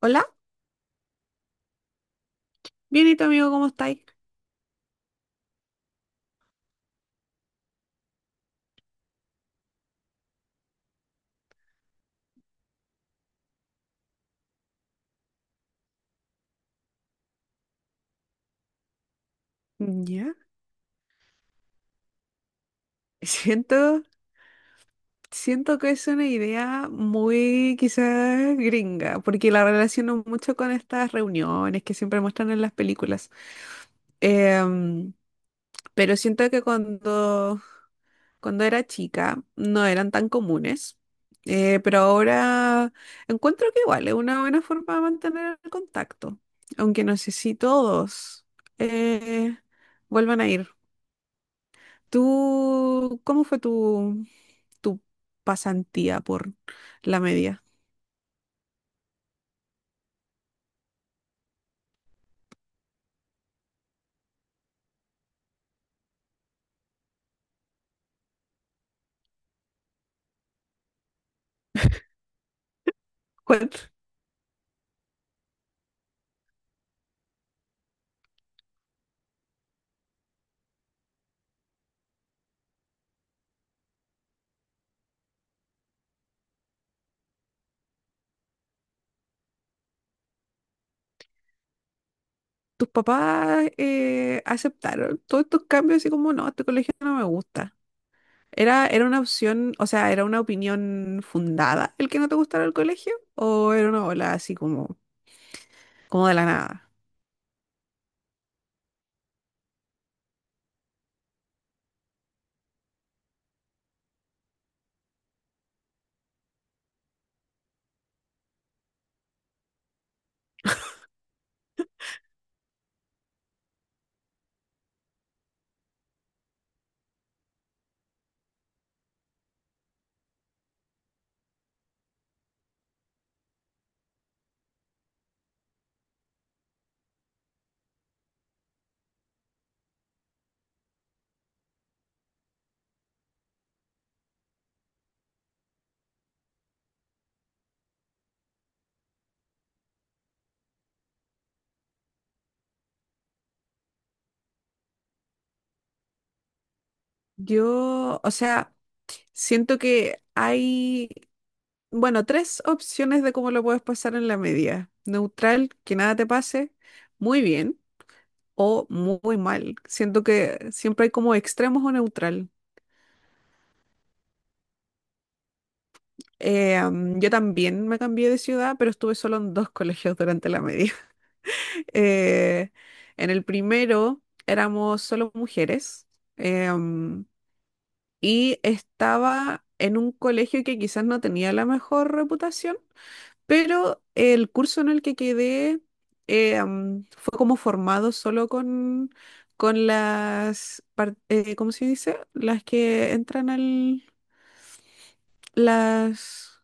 Hola, bien y tu amigo, ¿cómo estáis? Ya. Siento, siento que es una idea muy quizás gringa, porque la relaciono mucho con estas reuniones que siempre muestran en las películas. Em, pero siento que cuando era chica no eran tan comunes, pero ahora encuentro que igual es una buena forma de mantener el contacto, aunque no sé si todos eh, vuelvan a ir. ¿Tú cómo fue tu pasantía por la media? ¿Cuál- ¿Tus papás aceptaron todos estos cambios así como no, este colegio no me gusta? ¿Era una opción, o sea, era una opinión fundada el que no te gustara el colegio? ¿O era una ola así como, como de la nada? Yo, o sea, siento que hay, bueno, tres opciones de cómo lo puedes pasar en la media. Neutral, que nada te pase, muy bien, o muy mal. Siento que siempre hay como extremos o neutral. Am, yo también me cambié de ciudad, pero estuve solo en dos colegios durante la media. Eh, en el primero éramos solo mujeres em, y estaba en un colegio que quizás no tenía la mejor reputación, pero el curso en el que quedé fue como formado solo con las, par- ¿cómo se dice? Las que entran al, las...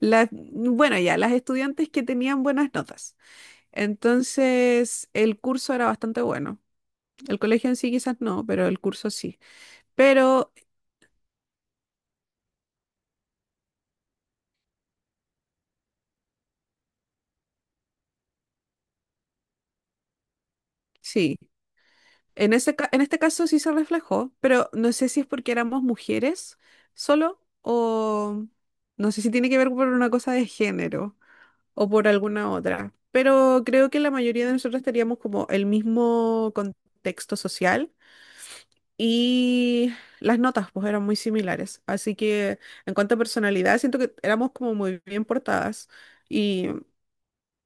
Las, bueno, ya, las estudiantes que tenían buenas notas. Entonces, el curso era bastante bueno. El colegio en sí quizás no, pero el curso sí. Pero sí, en ese, ca- en este caso sí se reflejó, pero no sé si es porque éramos mujeres solo o no sé si tiene que ver por una cosa de género o por alguna otra. Pero creo que la mayoría de nosotros teníamos como el mismo contexto social y las notas pues eran muy similares. Así que en cuanto a personalidad, siento que éramos como muy bien portadas. Y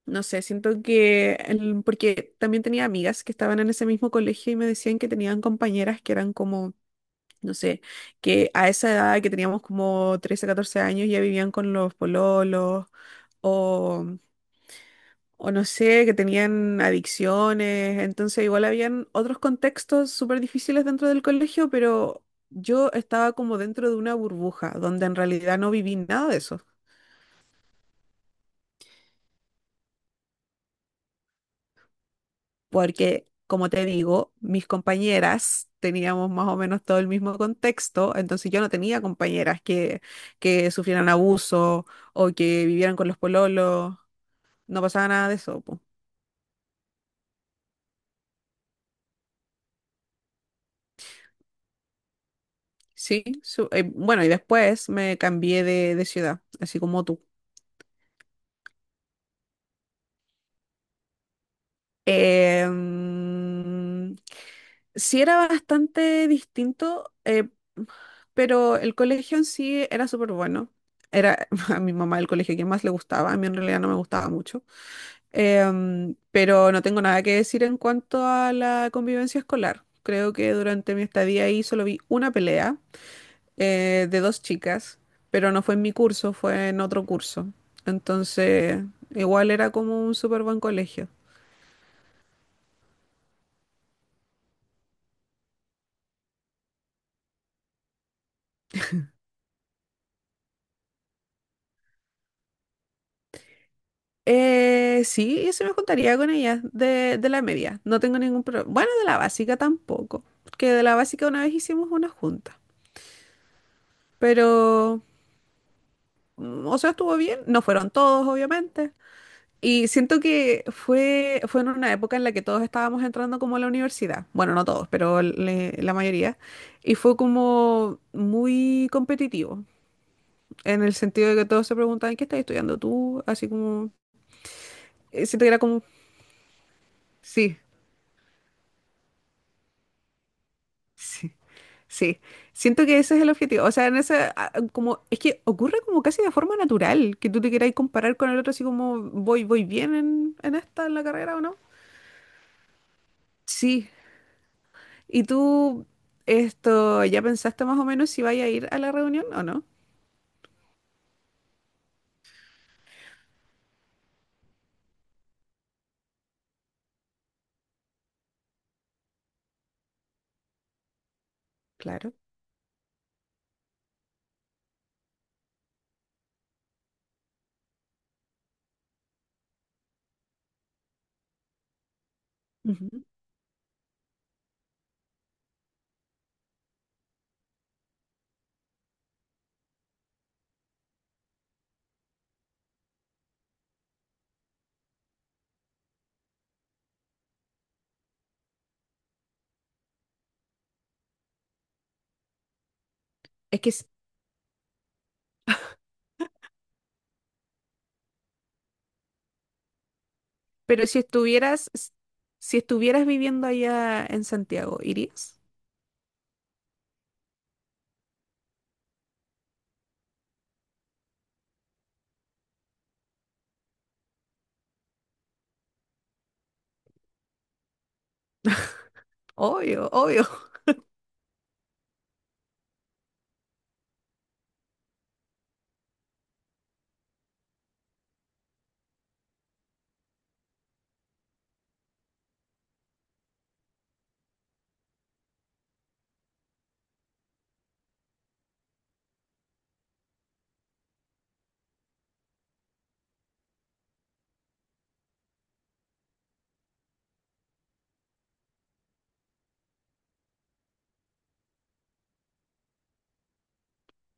No sé, siento que, el- porque también tenía amigas que estaban en ese mismo colegio y me decían que tenían compañeras que eran como, no sé, que a esa edad que teníamos como 13 14 años ya vivían con los pololos o, o no sé, que tenían adicciones. Entonces igual habían otros contextos súper difíciles dentro del colegio, pero yo estaba como dentro de una burbuja donde en realidad no viví nada de eso. Porque, como te digo, mis compañeras teníamos más o menos todo el mismo contexto, entonces yo no tenía compañeras que sufrieran abuso o que vivieran con los pololos, no pasaba nada de eso, po. Sí, su- bueno, y después me cambié de ciudad, así como tú. Em, sí era bastante distinto, pero el colegio en sí era súper bueno. Era a mi mamá el colegio que más le gustaba, a mí en realidad no me gustaba mucho. Em, pero no tengo nada que decir en cuanto a la convivencia escolar. Creo que durante mi estadía ahí solo vi una pelea de dos chicas, pero no fue en mi curso, fue en otro curso. Entonces, igual era como un súper buen colegio. Sí, se me juntaría con ellas de la media. No tengo ningún problema. Bueno, de la básica tampoco, porque de la básica una vez hicimos una junta. Pero, mm, o sea, estuvo bien. No fueron todos, obviamente. Y siento que fue en una época en la que todos estábamos entrando como a la universidad. Bueno, no todos, pero le- la mayoría. Y fue como muy competitivo, en el sentido de que todos se preguntaban, ¿qué estás estudiando tú? Así como, siento que era como, sí, sí, sí. Siento que ese es el objetivo. O sea, en ese, ah, como, es que ocurre como casi de forma natural, que tú te quieras comparar con el otro, así como, voy bien en esta, en la carrera o no. Sí, ¿Y tú, esto, ya pensaste más o menos si vaya a ir a la reunión o no? Claro. Ujú. Es que, s- pero si estuvieras, s- si estuvieras viviendo allá en Santiago, ¿irías? Obvio, obvio.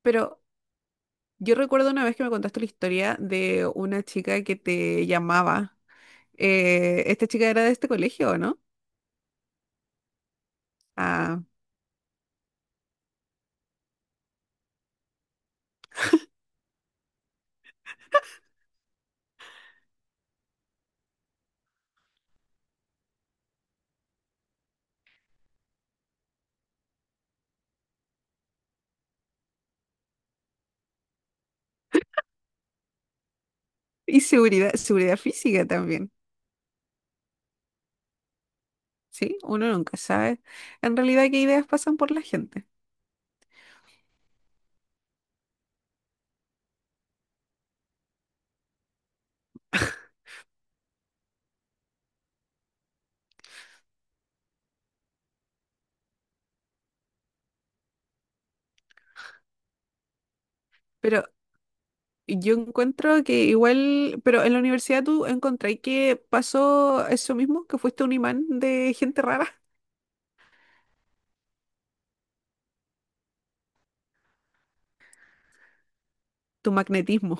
Pero yo recuerdo una vez que me contaste la historia de una chica que te llamaba. Esta chica era de este colegio, ¿o no? Ah, y seguridad, seguridad física también, ¿sí? Uno nunca sabe en realidad qué ideas pasan por la gente. Pero yo encuentro que igual, pero en la universidad tú encontré que pasó eso mismo, que fuiste un imán de gente rara, tu magnetismo.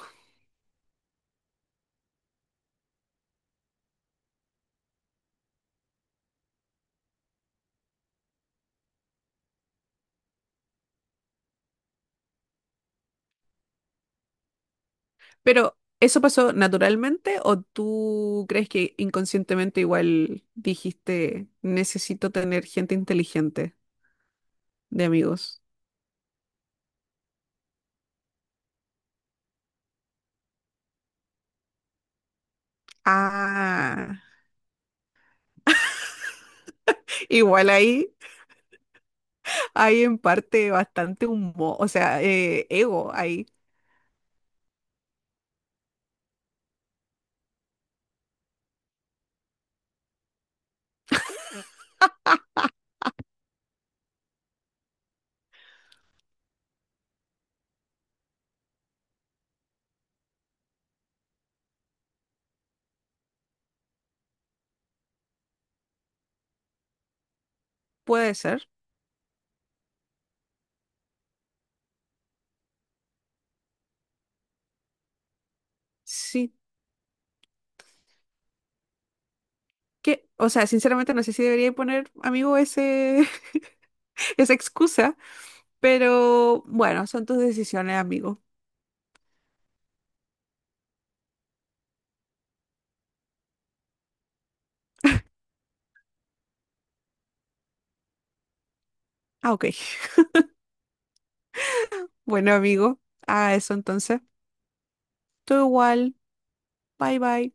Pero, ¿eso pasó naturalmente o tú crees que inconscientemente igual dijiste, necesito tener gente inteligente de amigos? Ah, igual ahí hay en parte bastante humo, o sea, ego ahí. Puede ser, sí. Que o sea, sinceramente no sé si debería poner amigo ese esa excusa, pero bueno, son tus decisiones, amigo. Ah, ok. Bueno, amigo, a eso entonces. Tú igual. Bye bye.